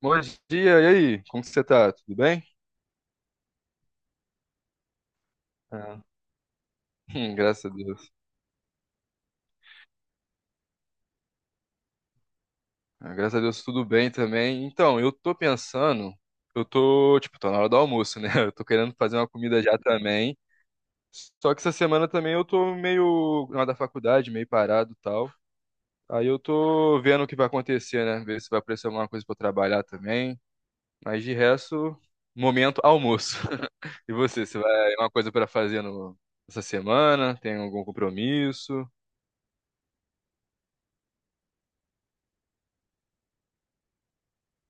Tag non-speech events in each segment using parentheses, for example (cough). Bom dia, e aí? Como que você tá? Tudo bem? Ah, (laughs) graças a Deus. Ah, graças a Deus, tudo bem também. Então, eu tô pensando, eu tô, tipo, tô na hora do almoço, né? (laughs) Eu tô querendo fazer uma comida já também. Só que essa semana também eu tô meio na hora da faculdade, meio parado e tal. Aí eu tô vendo o que vai acontecer, né? Ver se vai aparecer alguma coisa pra eu trabalhar também. Mas de resto, momento almoço. (laughs) E você vai, uma coisa pra fazer no, essa semana? Tem algum compromisso?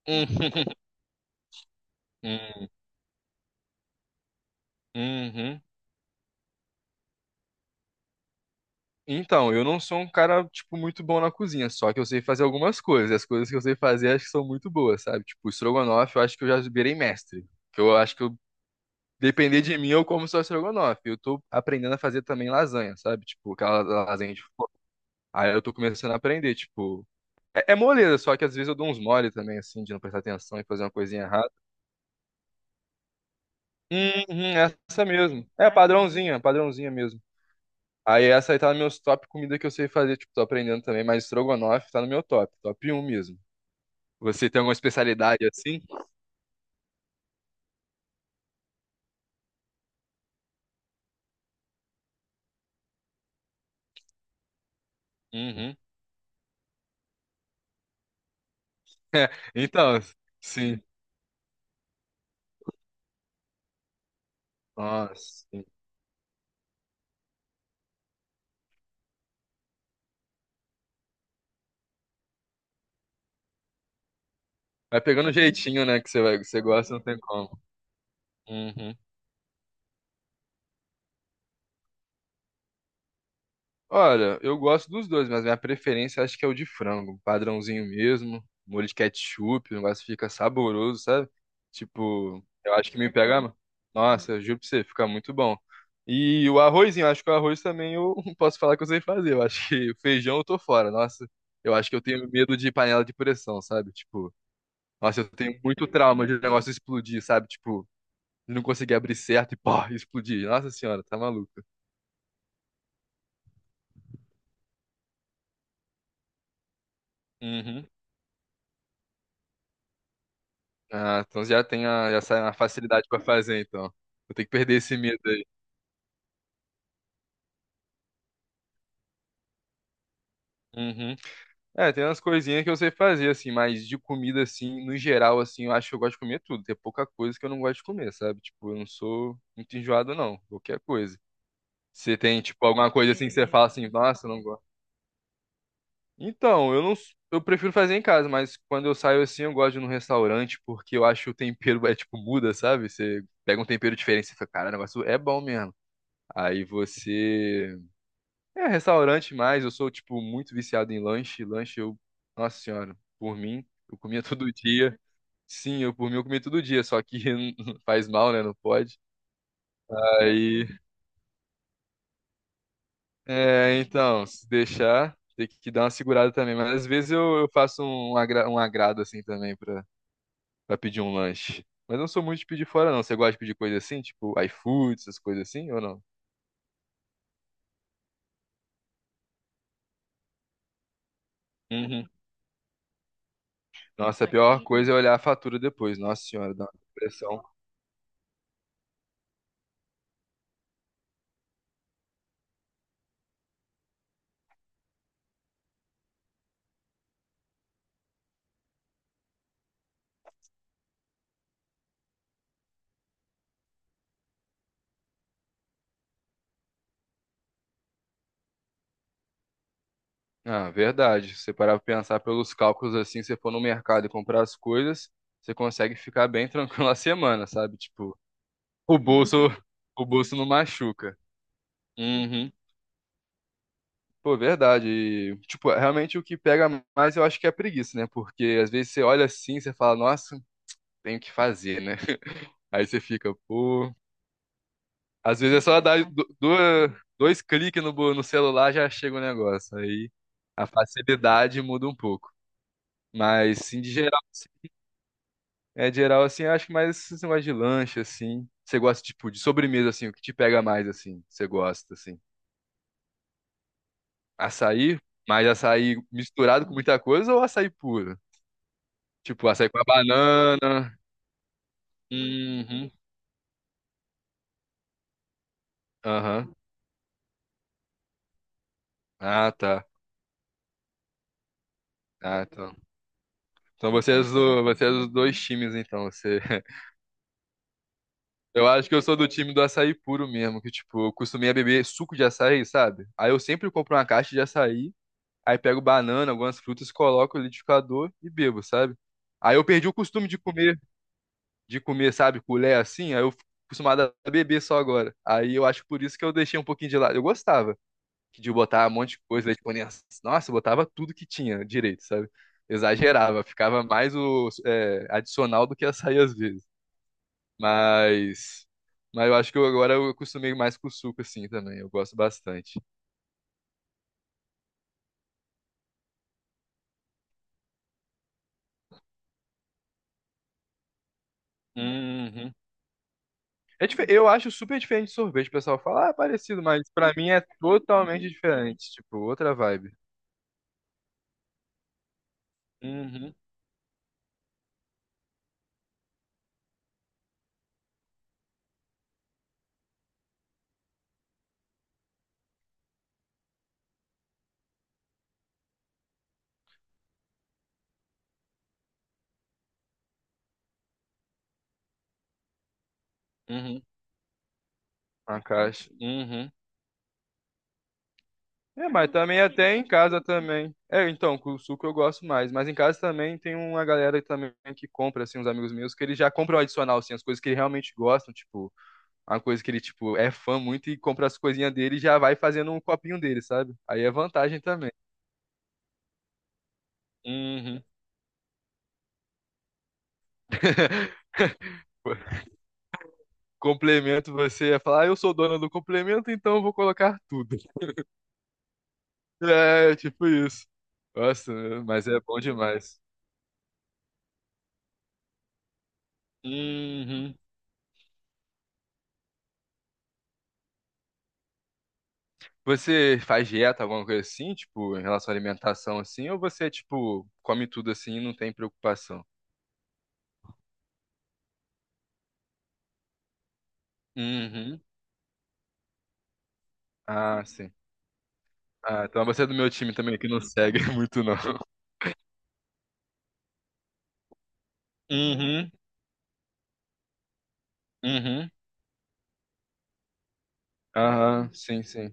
(laughs) Uhum. Então, eu não sou um cara, tipo, muito bom na cozinha, só que eu sei fazer algumas coisas, e as coisas que eu sei fazer acho que são muito boas, sabe? Tipo, estrogonofe, eu acho que eu já virei mestre, que eu acho que eu, depender de mim, eu como só estrogonofe. Eu tô aprendendo a fazer também lasanha, sabe? Tipo, aquela lasanha de forno. Aí eu tô começando a aprender, tipo, é moleza, só que às vezes eu dou uns mole também, assim, de não prestar atenção e fazer uma coisinha errada. Uhum, essa mesmo. É padrãozinha, padrãozinha mesmo. Aí essa aí tá nos meus top comida que eu sei fazer, tipo, tô aprendendo também, mas estrogonofe tá no meu top, top um mesmo. Você tem alguma especialidade assim? Uhum. (laughs) Então, sim. Nossa, sim. Vai pegando o jeitinho, né, que você vai, que você gosta, não tem como. Uhum. Olha, eu gosto dos dois, mas minha preferência acho que é o de frango, padrãozinho mesmo, molho de ketchup, o negócio fica saboroso, sabe? Tipo, eu acho que me pega. Nossa, eu juro pra você, fica muito bom. E o arrozinho, eu acho que o arroz também eu (laughs) não posso falar que eu sei fazer. Eu acho que o feijão eu tô fora. Nossa, eu acho que eu tenho medo de panela de pressão, sabe? Tipo, nossa, eu tenho muito trauma de negócio explodir, sabe? Tipo, de não conseguir abrir certo e pá, explodir. Nossa senhora, tá maluco. Uhum. Ah, então já tem a, já sai uma facilidade pra fazer, então. Vou ter que perder esse medo aí. Uhum. É, tem umas coisinhas que eu sei fazer, assim, mas de comida, assim, no geral, assim, eu acho que eu gosto de comer tudo. Tem pouca coisa que eu não gosto de comer, sabe? Tipo, eu não sou muito enjoado, não. Qualquer coisa. Você tem, tipo, alguma coisa assim que você fala assim, nossa, eu não gosto. Então, eu não, eu prefiro fazer em casa, mas quando eu saio assim, eu gosto de ir num restaurante, porque eu acho que o tempero, é tipo, muda, sabe? Você pega um tempero diferente, você fica, cara, o negócio é bom mesmo. Aí você. É, restaurante mais, eu sou, tipo, muito viciado em lanche. Lanche eu, nossa senhora, por mim, eu comia (laughs) todo dia. Sim, eu por mim eu comia todo dia, só que (laughs) faz mal, né? Não pode. Aí, é, então, se deixar, tem que dar uma segurada também. Mas às vezes eu faço um agrado assim também pra, pedir um lanche. Mas eu não sou muito de pedir fora, não. Você gosta de pedir coisa assim, tipo iFood, essas coisas assim, ou não? Uhum. Nossa, a pior coisa é olhar a fatura depois. Nossa senhora, dá uma depressão. Ah, verdade. Se você parar pra pensar pelos cálculos assim, se você for no mercado e comprar as coisas, você consegue ficar bem (laughs) tranquilo a semana, sabe? Tipo, o bolso, o bolso não machuca. Uhum. Pô, verdade. E, tipo, realmente o que pega mais eu acho que é a preguiça, né? Porque às vezes você olha assim, você fala, nossa, tenho que fazer, né? (laughs) Aí você fica, pô. Às vezes é só dar dois cliques no celular já chega o negócio. Aí a facilidade muda um pouco. Mas, sim, de geral. É geral, assim, eu acho que mais esse negócio de lanche, assim. Você gosta, tipo, de sobremesa, assim, o que te pega mais, assim, você gosta, assim. Açaí, mas açaí misturado com muita coisa ou açaí puro? Tipo, açaí com a banana. Uhum. Aham. Ah, tá. Ah, então. Então você é dos dois times, então. Você... (laughs) Eu acho que eu sou do time do açaí puro mesmo, que, tipo, eu costumei a beber suco de açaí, sabe? Aí eu sempre compro uma caixa de açaí. Aí pego banana, algumas frutas, coloco no liquidificador e bebo, sabe? Aí eu perdi o costume de comer, sabe, colher assim, aí eu fico acostumado a beber só agora. Aí eu acho por isso que eu deixei um pouquinho de lado. Eu gostava de botar um monte de coisa, leite condensado. Nossa, eu botava tudo que tinha direito, sabe? Exagerava, ficava mais o é, adicional do que açaí às vezes. Mas, mas eu acho que eu, agora eu acostumei mais com o suco assim também. Eu gosto bastante. Uhum. Eu acho super diferente de sorvete. O pessoal fala, ah, é parecido, mas pra mim é totalmente diferente. Tipo, outra vibe. Uhum, uhum. A caixa. Uhum. É, mas também até em casa também. É, então, com o suco eu gosto mais. Mas em casa também tem uma galera também que compra, assim, uns amigos meus, que eles já compram adicional, assim, as coisas que eles realmente gostam, tipo, uma coisa que ele, tipo, é fã muito e compra as coisinhas dele e já vai fazendo um copinho dele, sabe? Aí é vantagem também. Uhum. (laughs) Complemento você ia falar, ah, eu sou dona do complemento, então eu vou colocar tudo. (laughs) É, tipo isso. Nossa, mas é bom demais. Uhum. Você faz dieta, alguma coisa assim, tipo, em relação à alimentação, assim, ou você, tipo, come tudo assim e não tem preocupação? Uhum. Ah, sim. Ah, então você é do meu time também, que não segue (laughs) muito, não. Uhum, uhum. Aham, sim, sim.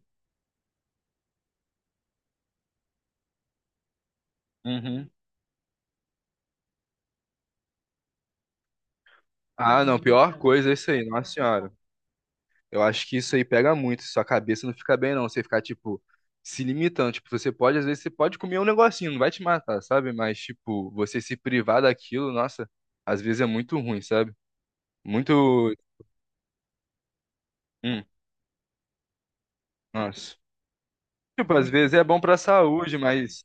Uhum. Ah, não, pior coisa é isso aí, nossa senhora. Eu acho que isso aí pega muito, sua cabeça não fica bem não, você ficar, tipo, se limitando, tipo, você pode, às vezes, você pode comer um negocinho, não vai te matar, sabe? Mas, tipo, você se privar daquilo, nossa, às vezes é muito ruim, sabe? Muito, hum, nossa. Tipo, às vezes é bom pra saúde, mas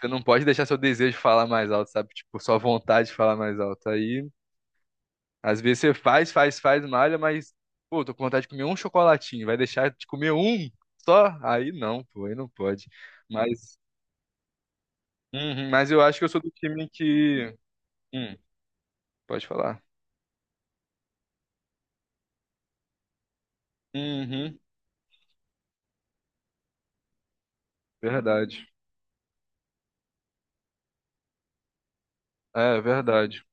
você não pode deixar seu desejo falar mais alto, sabe? Tipo, sua vontade de falar mais alto, aí, às vezes você faz, faz, faz, malha, mas, pô, tô com vontade de comer um chocolatinho, vai deixar de comer um só? Aí não, pô, aí não pode. Mas. Uhum, mas eu acho que eu sou do time que. Hum, pode falar. Uhum, verdade. É, verdade.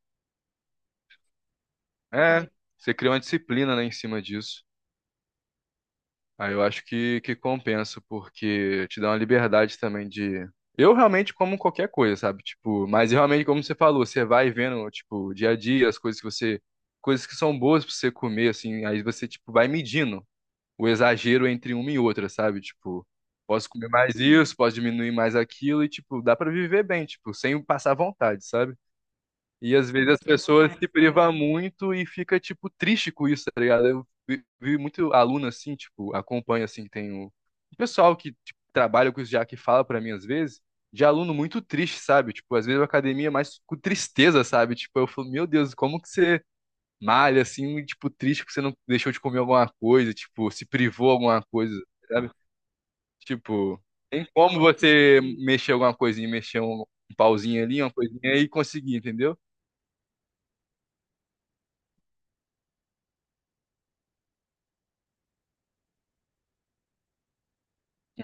É, você cria uma disciplina, né, em cima disso. Aí eu acho que compensa, porque te dá uma liberdade também de. Eu realmente como qualquer coisa, sabe? Tipo, mas realmente, como você falou, você vai vendo, tipo, dia a dia, as coisas que você. Coisas que são boas pra você comer, assim, aí você, tipo, vai medindo o exagero entre uma e outra, sabe? Tipo, posso comer mais isso, posso diminuir mais aquilo e, tipo, dá pra viver bem, tipo, sem passar vontade, sabe? E às vezes as pessoas se privam muito e fica, tipo, triste com isso, tá ligado? Eu vi muito aluno assim, tipo, acompanho assim, que tem o pessoal que tipo, trabalha com isso já que fala pra mim às vezes. De aluno muito triste, sabe? Tipo, às vezes a academia é mais com tristeza, sabe? Tipo, eu falo, meu Deus, como que você malha, assim, tipo, triste porque você não deixou de comer alguma coisa, tipo, se privou alguma coisa, sabe? Tipo, tem como você mexer alguma coisinha, mexer um pauzinho ali, uma coisinha e conseguir, entendeu?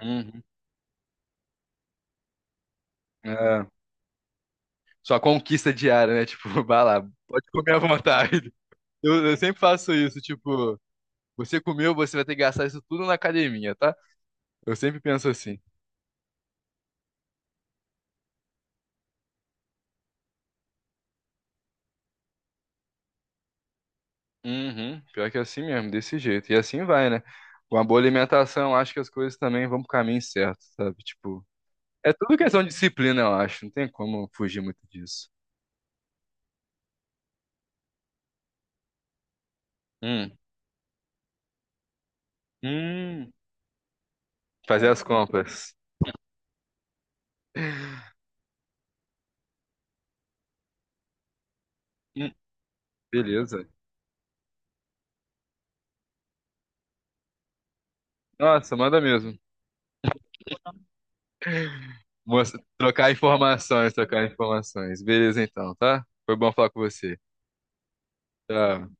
Uhum. É, sua conquista diária, né? Tipo, (laughs) vai lá, pode comer à vontade. Eu sempre faço isso, tipo, você comeu, você vai ter que gastar isso tudo na academia, tá? Eu sempre penso assim. Uhum, pior que é assim mesmo, desse jeito. E assim vai, né? Com a boa alimentação, acho que as coisas também vão pro caminho certo, sabe? Tipo, é tudo questão de disciplina, eu acho. Não tem como fugir muito disso. Hum. Hum. Fazer as compras. Hum, beleza. Nossa, manda mesmo. Trocar informações, trocar informações. Beleza então, tá? Foi bom falar com você. Tchau.